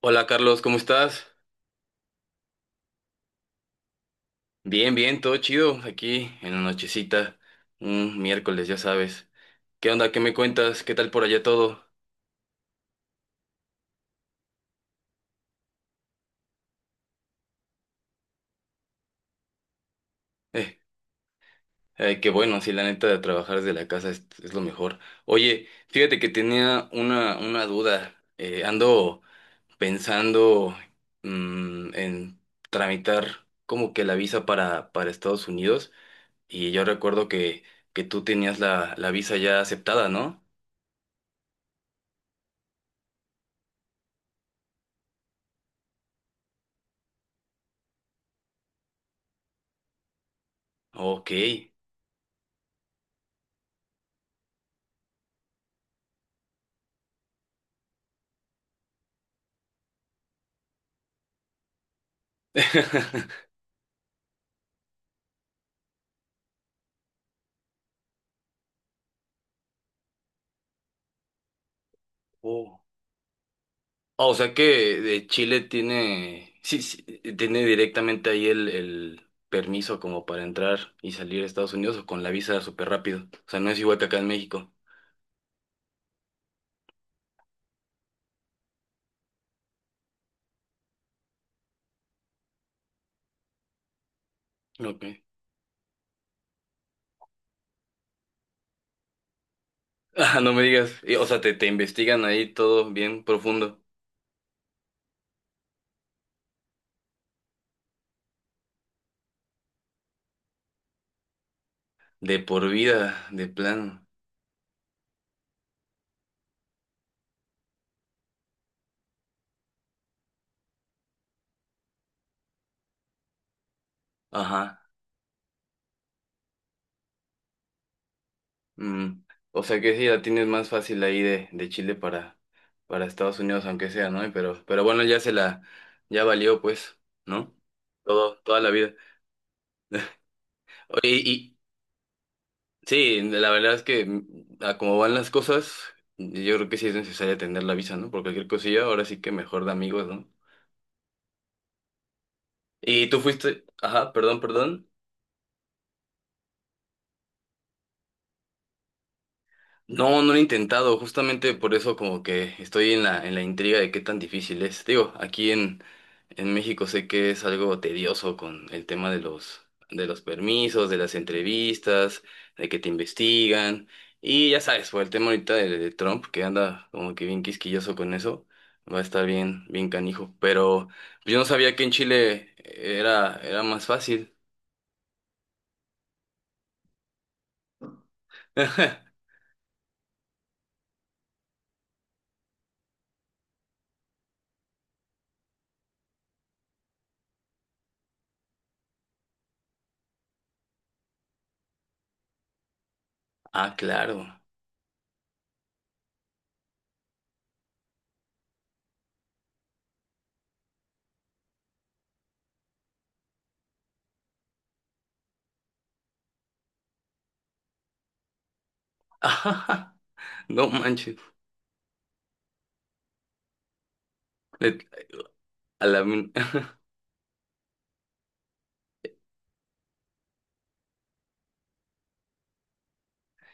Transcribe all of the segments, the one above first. Hola, Carlos, ¿cómo estás? Bien, bien, todo chido aquí en la nochecita, un miércoles, ya sabes. ¿Qué onda? ¿Qué me cuentas? ¿Qué tal por allá todo? Eh, qué bueno, sí, la neta de trabajar desde la casa es lo mejor. Oye, fíjate que tenía una duda. Ando pensando en tramitar como que la visa para Estados Unidos y yo recuerdo que tú tenías la visa ya aceptada, ¿no? Ok. Oh. Ah, o sea que de Chile tiene, sí, sí, tiene directamente ahí el permiso como para entrar y salir a Estados Unidos o con la visa súper rápido. O sea, no es igual que acá en México. Ok. Ah, no me digas. Y, o sea, te investigan ahí todo bien profundo. De por vida, de plano. Ajá. Mm. O sea que sí, la tienes más fácil ahí de Chile para Estados Unidos, aunque sea, ¿no? Pero bueno, ya se la, ya valió, pues, ¿no? Todo, toda la vida. Oye, y sí, la verdad es que a como van las cosas, yo creo que sí es necesaria tener la visa, ¿no? Por cualquier cosilla, ahora sí que mejor de amigos, ¿no? Y tú fuiste, ajá, perdón, perdón. No, no lo he intentado, justamente por eso como que estoy en la intriga de qué tan difícil es. Digo, en México sé que es algo tedioso con el tema de los permisos, de las entrevistas, de que te investigan. Y ya sabes, por el tema ahorita de Trump, que anda como que bien quisquilloso con eso, va a estar bien, bien canijo. Pero pues, yo no sabía que en Chile era más fácil. Ah, claro. No manches. Le- A la min-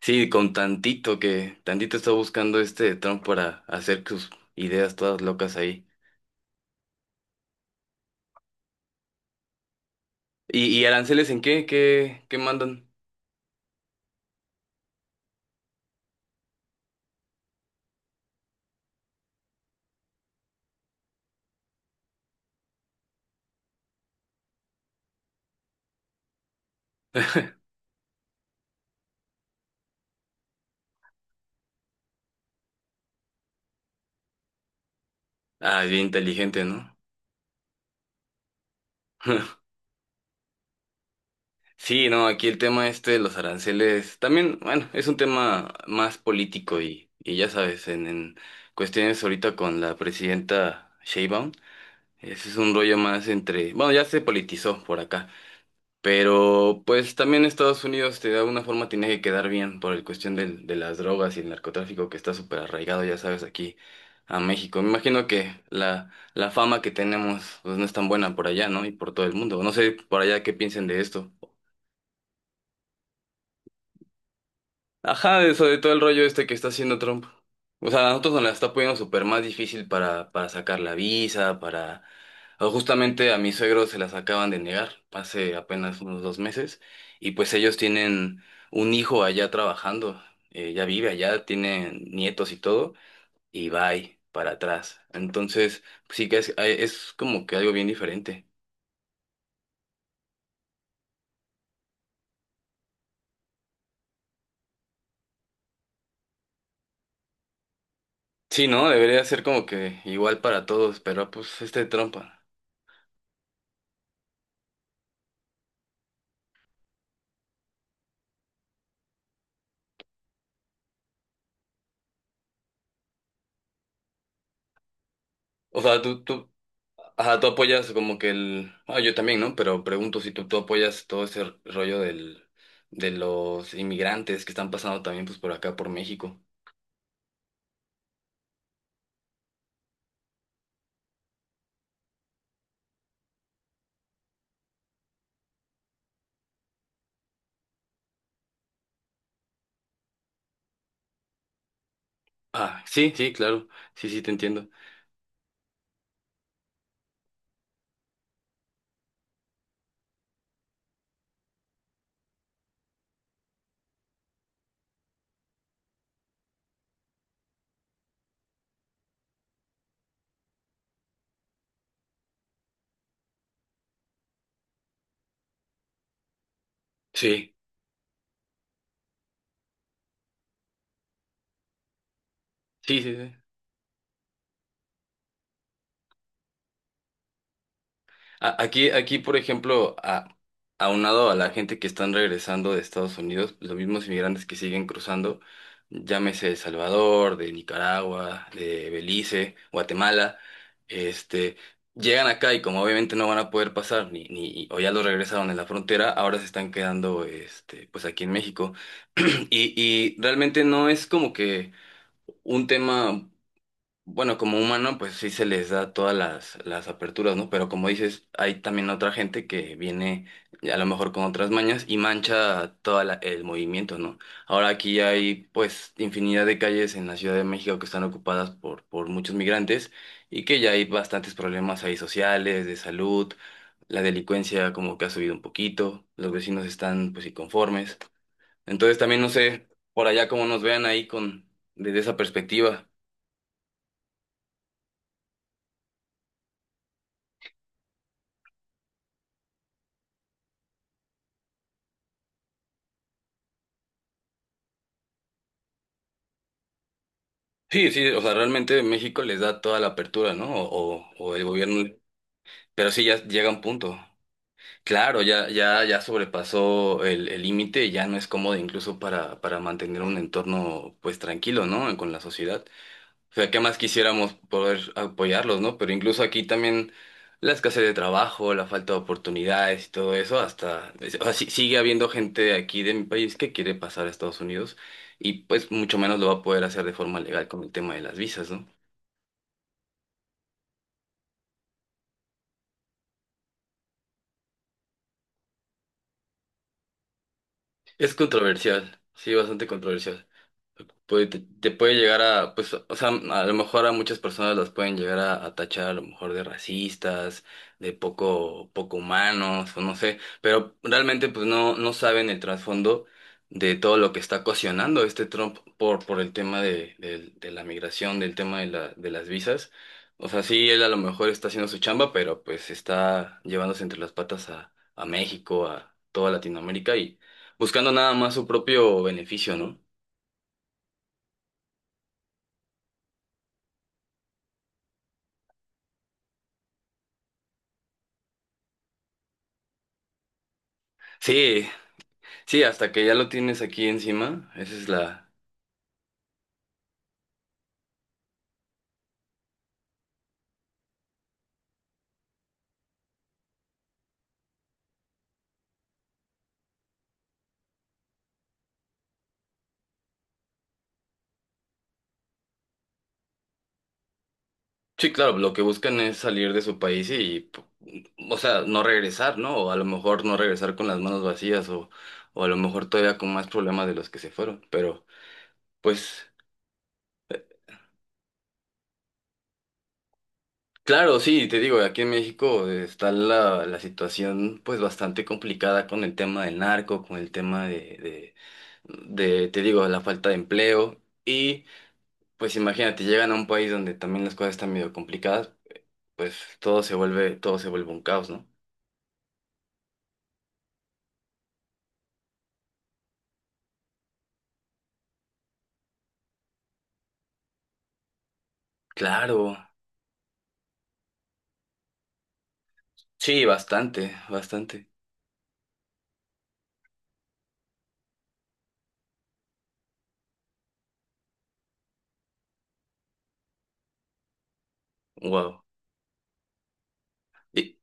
Sí, con tantito que, tantito está buscando este Trump para hacer sus ideas todas locas ahí. Y aranceles en qué? ¿Qué, qué mandan? Ah, es bien inteligente, ¿no? Sí, no, aquí el tema este de los aranceles también, bueno, es un tema más político y ya sabes, en cuestiones ahorita con la presidenta Sheinbaum, ese es un rollo más entre, bueno, ya se politizó por acá. Pero pues también Estados Unidos de alguna forma tiene que quedar bien por el cuestión de las drogas y el narcotráfico que está súper arraigado, ya sabes, aquí a México. Me imagino que la fama que tenemos pues no es tan buena por allá, ¿no? Y por todo el mundo. No sé por allá qué piensen de esto. Ajá, de eso, de todo el rollo este que está haciendo Trump. O sea, a nosotros nos la está poniendo súper más difícil para sacar la visa, para... O justamente a mis suegros se las acaban de negar hace apenas unos 2 meses y pues ellos tienen un hijo allá trabajando, ya vive allá, tiene nietos y todo y va ahí para atrás. Entonces, pues, sí que es como que algo bien diferente. Sí, ¿no? Debería ser como que igual para todos, pero pues este trompa. O sea, ajá, tú apoyas como que el... Ah, yo también, ¿no? Pero pregunto si tú apoyas todo ese rollo del, de los inmigrantes que están pasando también pues por acá, por México. Ah, sí, sí, claro. Sí, sí, te entiendo. Sí, sí, sí, sí. Aquí, aquí, por ejemplo, a, aunado a la gente que están regresando de Estados Unidos, pues, los mismos inmigrantes que siguen cruzando, llámese El Salvador, de Nicaragua, de Belice, Guatemala, este, llegan acá y como obviamente no van a poder pasar, ni, ni, o ya los regresaron en la frontera, ahora se están quedando, este, pues aquí en México. Y, y realmente no es como que un tema. Bueno, como humano, pues sí se les da todas las aperturas, ¿no? Pero como dices, hay también otra gente que viene a lo mejor con otras mañas y mancha todo el movimiento, ¿no? Ahora aquí hay pues infinidad de calles en la Ciudad de México que están ocupadas por muchos migrantes y que ya hay bastantes problemas ahí sociales, de salud, la delincuencia como que ha subido un poquito, los vecinos están pues inconformes. Entonces también no sé por allá cómo nos vean ahí con desde esa perspectiva. Sí, sí, o sea, realmente México les da toda la apertura, ¿no? O el gobierno, pero sí, ya llega un punto. Claro, ya, ya, ya sobrepasó el límite y ya no es cómodo incluso para mantener un entorno, pues, tranquilo, ¿no? Con la sociedad. O sea, ¿qué más quisiéramos poder apoyarlos, ¿no? Pero incluso aquí también la escasez de trabajo, la falta de oportunidades y todo eso, hasta, o sea, sigue habiendo gente aquí de mi país que quiere pasar a Estados Unidos y pues mucho menos lo va a poder hacer de forma legal con el tema de las visas, ¿no? Es controversial, sí, bastante controversial pues te puede llegar a, pues, o sea, a lo mejor a muchas personas las pueden llegar a tachar a lo mejor de racistas, de poco, poco humanos, o no sé, pero realmente pues no, no saben el trasfondo de todo lo que está ocasionando este Trump por el tema de de la migración, del tema de de las visas. O sea, sí, él a lo mejor está haciendo su chamba, pero pues está llevándose entre las patas a México, a toda Latinoamérica y buscando nada más su propio beneficio, ¿no? Sí, sí, hasta que ya lo tienes aquí encima, esa es la... Sí, claro, lo que buscan es salir de su país y, o sea, no regresar, ¿no? O a lo mejor no regresar con las manos vacías, o a lo mejor todavía con más problemas de los que se fueron. Pero, pues, claro, sí, te digo, aquí en México está la situación pues bastante complicada con el tema del narco, con el tema de te digo, la falta de empleo y, pues, imagínate, llegan a un país donde también las cosas están medio complicadas, pues todo se vuelve un caos, ¿no? Claro, sí, bastante, bastante. Wow. Y,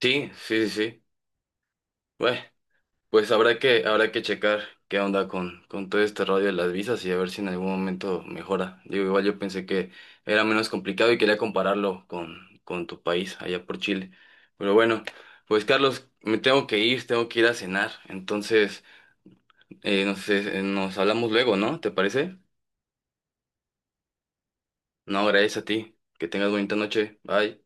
sí, sí, sí, sí. Bueno, pues habrá que checar qué onda con todo este rollo de las visas y a ver si en algún momento mejora. Digo, igual yo pensé que era menos complicado y quería compararlo con tu país, allá por Chile. Pero bueno, pues, Carlos, me tengo que ir a cenar. Entonces, no sé, nos hablamos luego, ¿no? ¿Te parece? No, gracias a ti. Que tengas bonita noche. Bye.